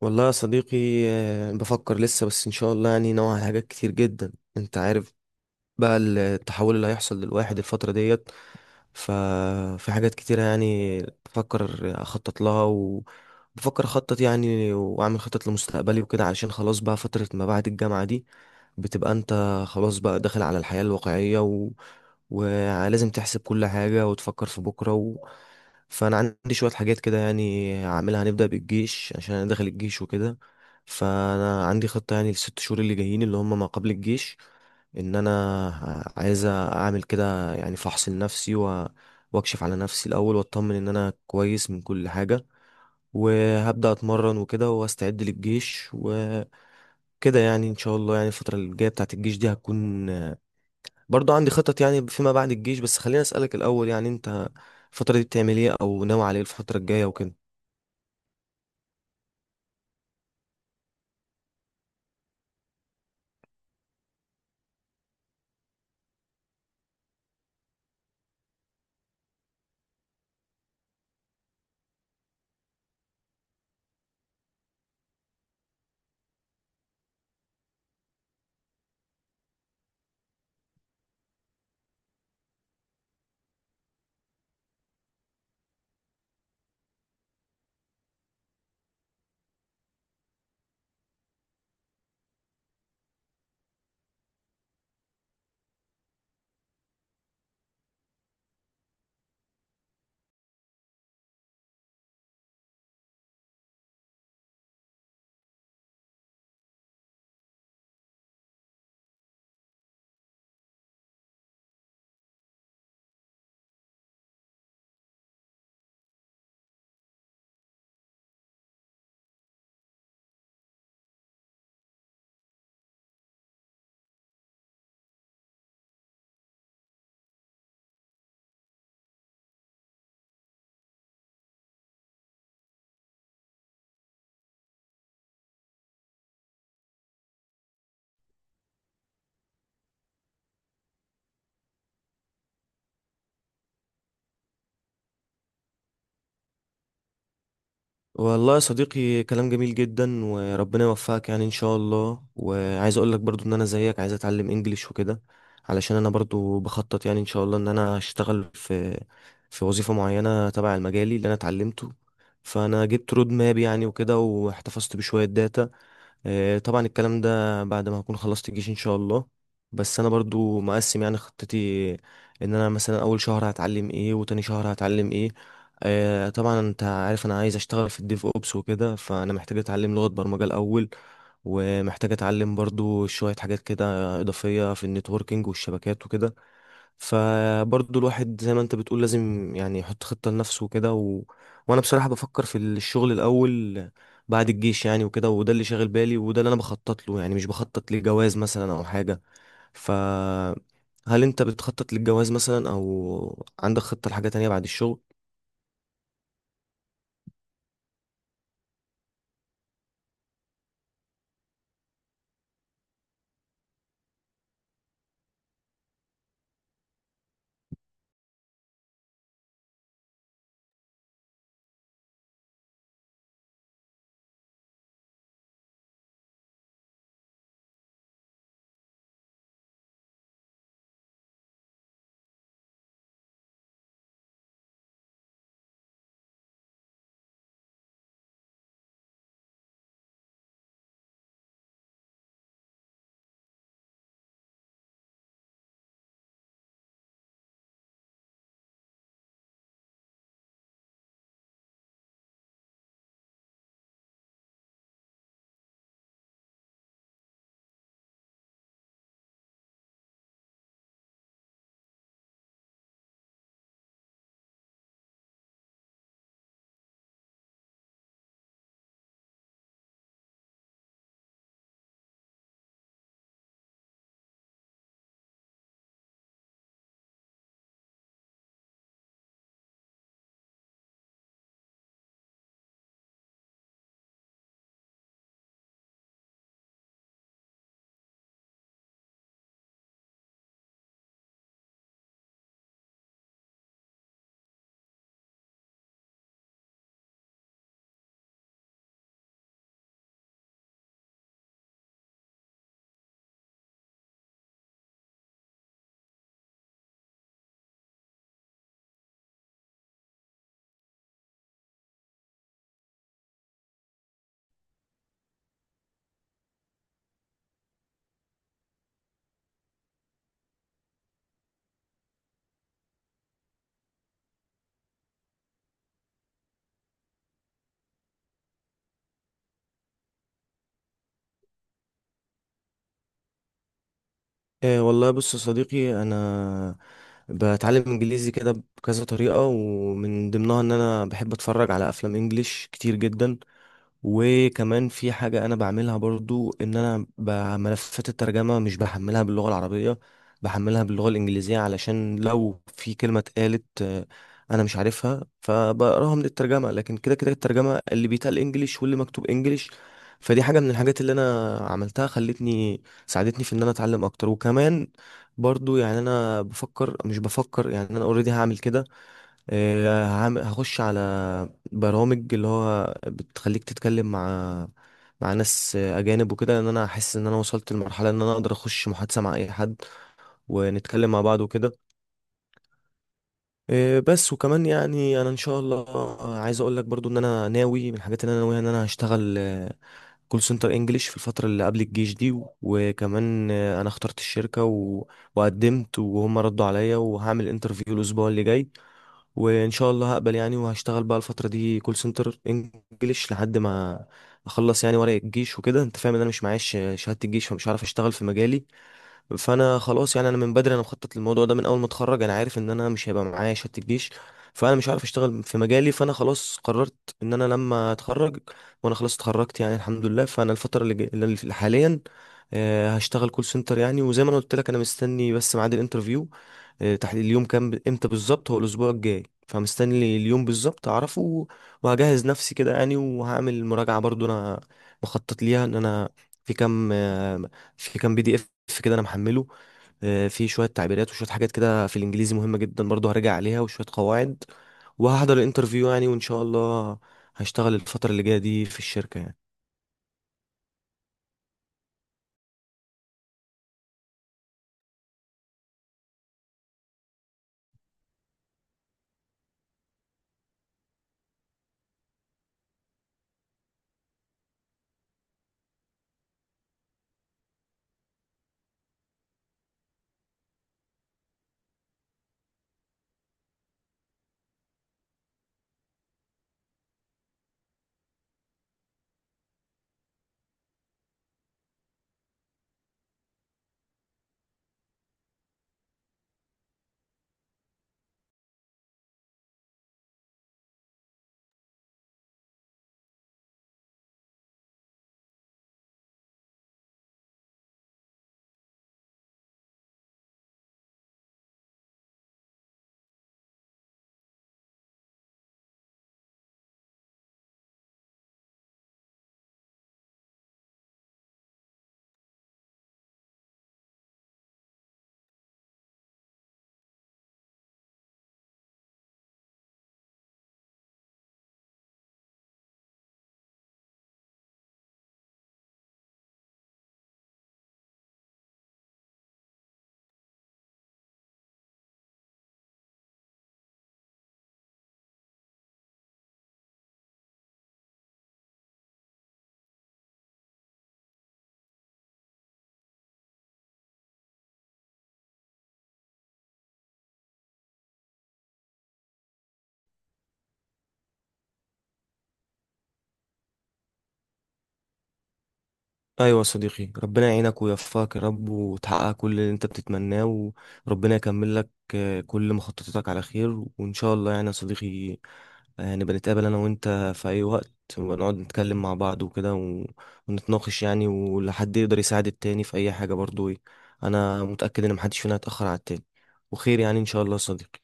والله يا صديقي. بفكر لسه، بس ان شاء الله يعني نوع على حاجات كتير جدا انت عارف بقى التحول اللي هيحصل للواحد الفترة ديت. ففي حاجات كتيرة يعني بفكر اخطط لها، وبفكر اخطط يعني واعمل خطط لمستقبلي وكده. علشان خلاص بقى فترة ما بعد الجامعة دي، بتبقى انت خلاص بقى داخل على الحياة الواقعية، ولازم تحسب كل حاجة وتفكر في بكرة فأنا عندي شوية حاجات كده يعني هعملها، هنبدأ بالجيش عشان أنا داخل الجيش وكده. فأنا عندي خطة يعني الست شهور اللي جايين اللي هم ما قبل الجيش، إن أنا عايز أعمل كده يعني فحص لنفسي وأكشف على نفسي الأول، وأطمن إن أنا كويس من كل حاجة، وهبدأ أتمرن وكده وأستعد للجيش وكده. يعني إن شاء الله يعني الفترة الجاية بتاعت الجيش دي هتكون. برضو عندي خطط يعني فيما بعد الجيش، بس خليني أسألك الأول، يعني أنت الفترة دي بتعمل إيه، أو ناوي على إيه الفترة الجاية وكده؟ والله يا صديقي، كلام جميل جدا وربنا يوفقك يعني إن شاء الله. وعايز أقول لك برضو إن أنا زيك عايز أتعلم إنجليش وكده، علشان أنا برضو بخطط يعني إن شاء الله إن أنا أشتغل في وظيفة معينة تبع المجالي اللي أنا اتعلمته. فأنا جبت رود ماب يعني وكده، واحتفظت بشوية داتا. طبعا الكلام ده بعد ما هكون خلصت الجيش ان شاء الله. بس انا برضو مقسم يعني خطتي، ان انا مثلا اول شهر هتعلم ايه وتاني شهر هتعلم ايه. طبعا انت عارف انا عايز اشتغل في الديف اوبس وكده، فانا محتاج اتعلم لغة برمجة الاول. ومحتاج اتعلم برضو شوية حاجات كده اضافية في النتوركينج والشبكات وكده. فبرضه الواحد زي ما انت بتقول لازم يعني يحط خطة لنفسه وكده وانا بصراحة بفكر في الشغل الاول بعد الجيش يعني وكده. وده اللي شاغل بالي، وده اللي انا بخطط له، يعني مش بخطط لجواز مثلا او حاجة. ف هل انت بتخطط للجواز مثلا، او عندك خطة لحاجة تانية بعد الشغل؟ إيه والله، بص يا صديقي، انا بتعلم انجليزي كده بكذا طريقة، ومن ضمنها ان انا بحب اتفرج على افلام انجليش كتير جدا. وكمان في حاجة أنا بعملها برضو، إن أنا ملفات الترجمة مش بحملها باللغة العربية، بحملها باللغة الإنجليزية، علشان لو في كلمة اتقالت، أنا مش عارفها فبقراها من الترجمة. لكن كده كده الترجمة اللي بيتقال إنجليش واللي مكتوب إنجليش. فدي حاجة من الحاجات اللي أنا عملتها، خلتني ساعدتني في إن أنا أتعلم أكتر. وكمان برضو يعني أنا بفكر مش بفكر يعني أنا أوريدي هعمل كده. هخش على برامج اللي هو بتخليك تتكلم مع ناس اجانب وكده، لان انا احس ان انا وصلت لمرحله ان انا اقدر اخش محادثه مع اي حد، ونتكلم مع بعض وكده. بس وكمان يعني انا ان شاء الله، عايز اقول لك برضو ان انا ناوي، من الحاجات اللي انا ناويها ان انا هشتغل كول سنتر انجليش في الفتره اللي قبل الجيش دي. وكمان انا اخترت الشركه وقدمت، وهم ردوا عليا، وهعمل انترفيو الاسبوع اللي جاي، وان شاء الله هقبل يعني. وهشتغل بقى الفتره دي كول سنتر انجليش لحد ما اخلص يعني ورق الجيش وكده. انت فاهم ان انا مش معايا شهاده الجيش، فمش هعرف اشتغل في مجالي. فانا خلاص يعني، انا من بدري انا مخطط للموضوع ده من اول ما اتخرج. انا عارف ان انا مش هيبقى معايا شهاده الجيش، فانا مش عارف اشتغل في مجالي. فانا خلاص قررت ان انا لما اتخرج، وانا خلاص اتخرجت يعني الحمد لله. فانا الفتره اللي, جاي- اللي اللي حاليا، هشتغل كول سنتر يعني. وزي ما انا قلت لك، انا مستني بس ميعاد الانترفيو. تحت اليوم كام، امتى بالظبط، هو الاسبوع الجاي، فمستني اليوم بالظبط اعرفه. وهجهز نفسي كده يعني، وهعمل مراجعه برضو. انا مخطط ليها ان انا في كام آه، في كام PDF كده انا محمله. في شويه تعبيرات وشويه حاجات كده في الانجليزي مهمه جدا، برضه هرجع عليها وشويه قواعد. وهحضر الانترفيو يعني، وان شاء الله هشتغل الفتره اللي جايه دي في الشركه يعني. ايوه يا صديقي، ربنا يعينك ويوفقك يا رب، وتحقق كل اللي انت بتتمناه. وربنا يكمل لك، كل مخططاتك على خير، وان شاء الله يعني يا صديقي هنبقى نتقابل انا وانت في اي وقت، ونقعد نتكلم مع بعض وكده ونتناقش يعني، ولحد يقدر يساعد التاني في اي حاجة برضو إيه. انا متأكد ان محدش فينا هيتأخر على التاني وخير يعني ان شاء الله يا صديقي.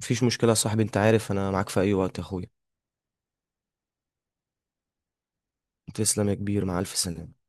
مفيش مشكلة يا صاحبي، انت عارف انا معاك في اي وقت يا اخويا. تسلم يا كبير، مع الف سلامة.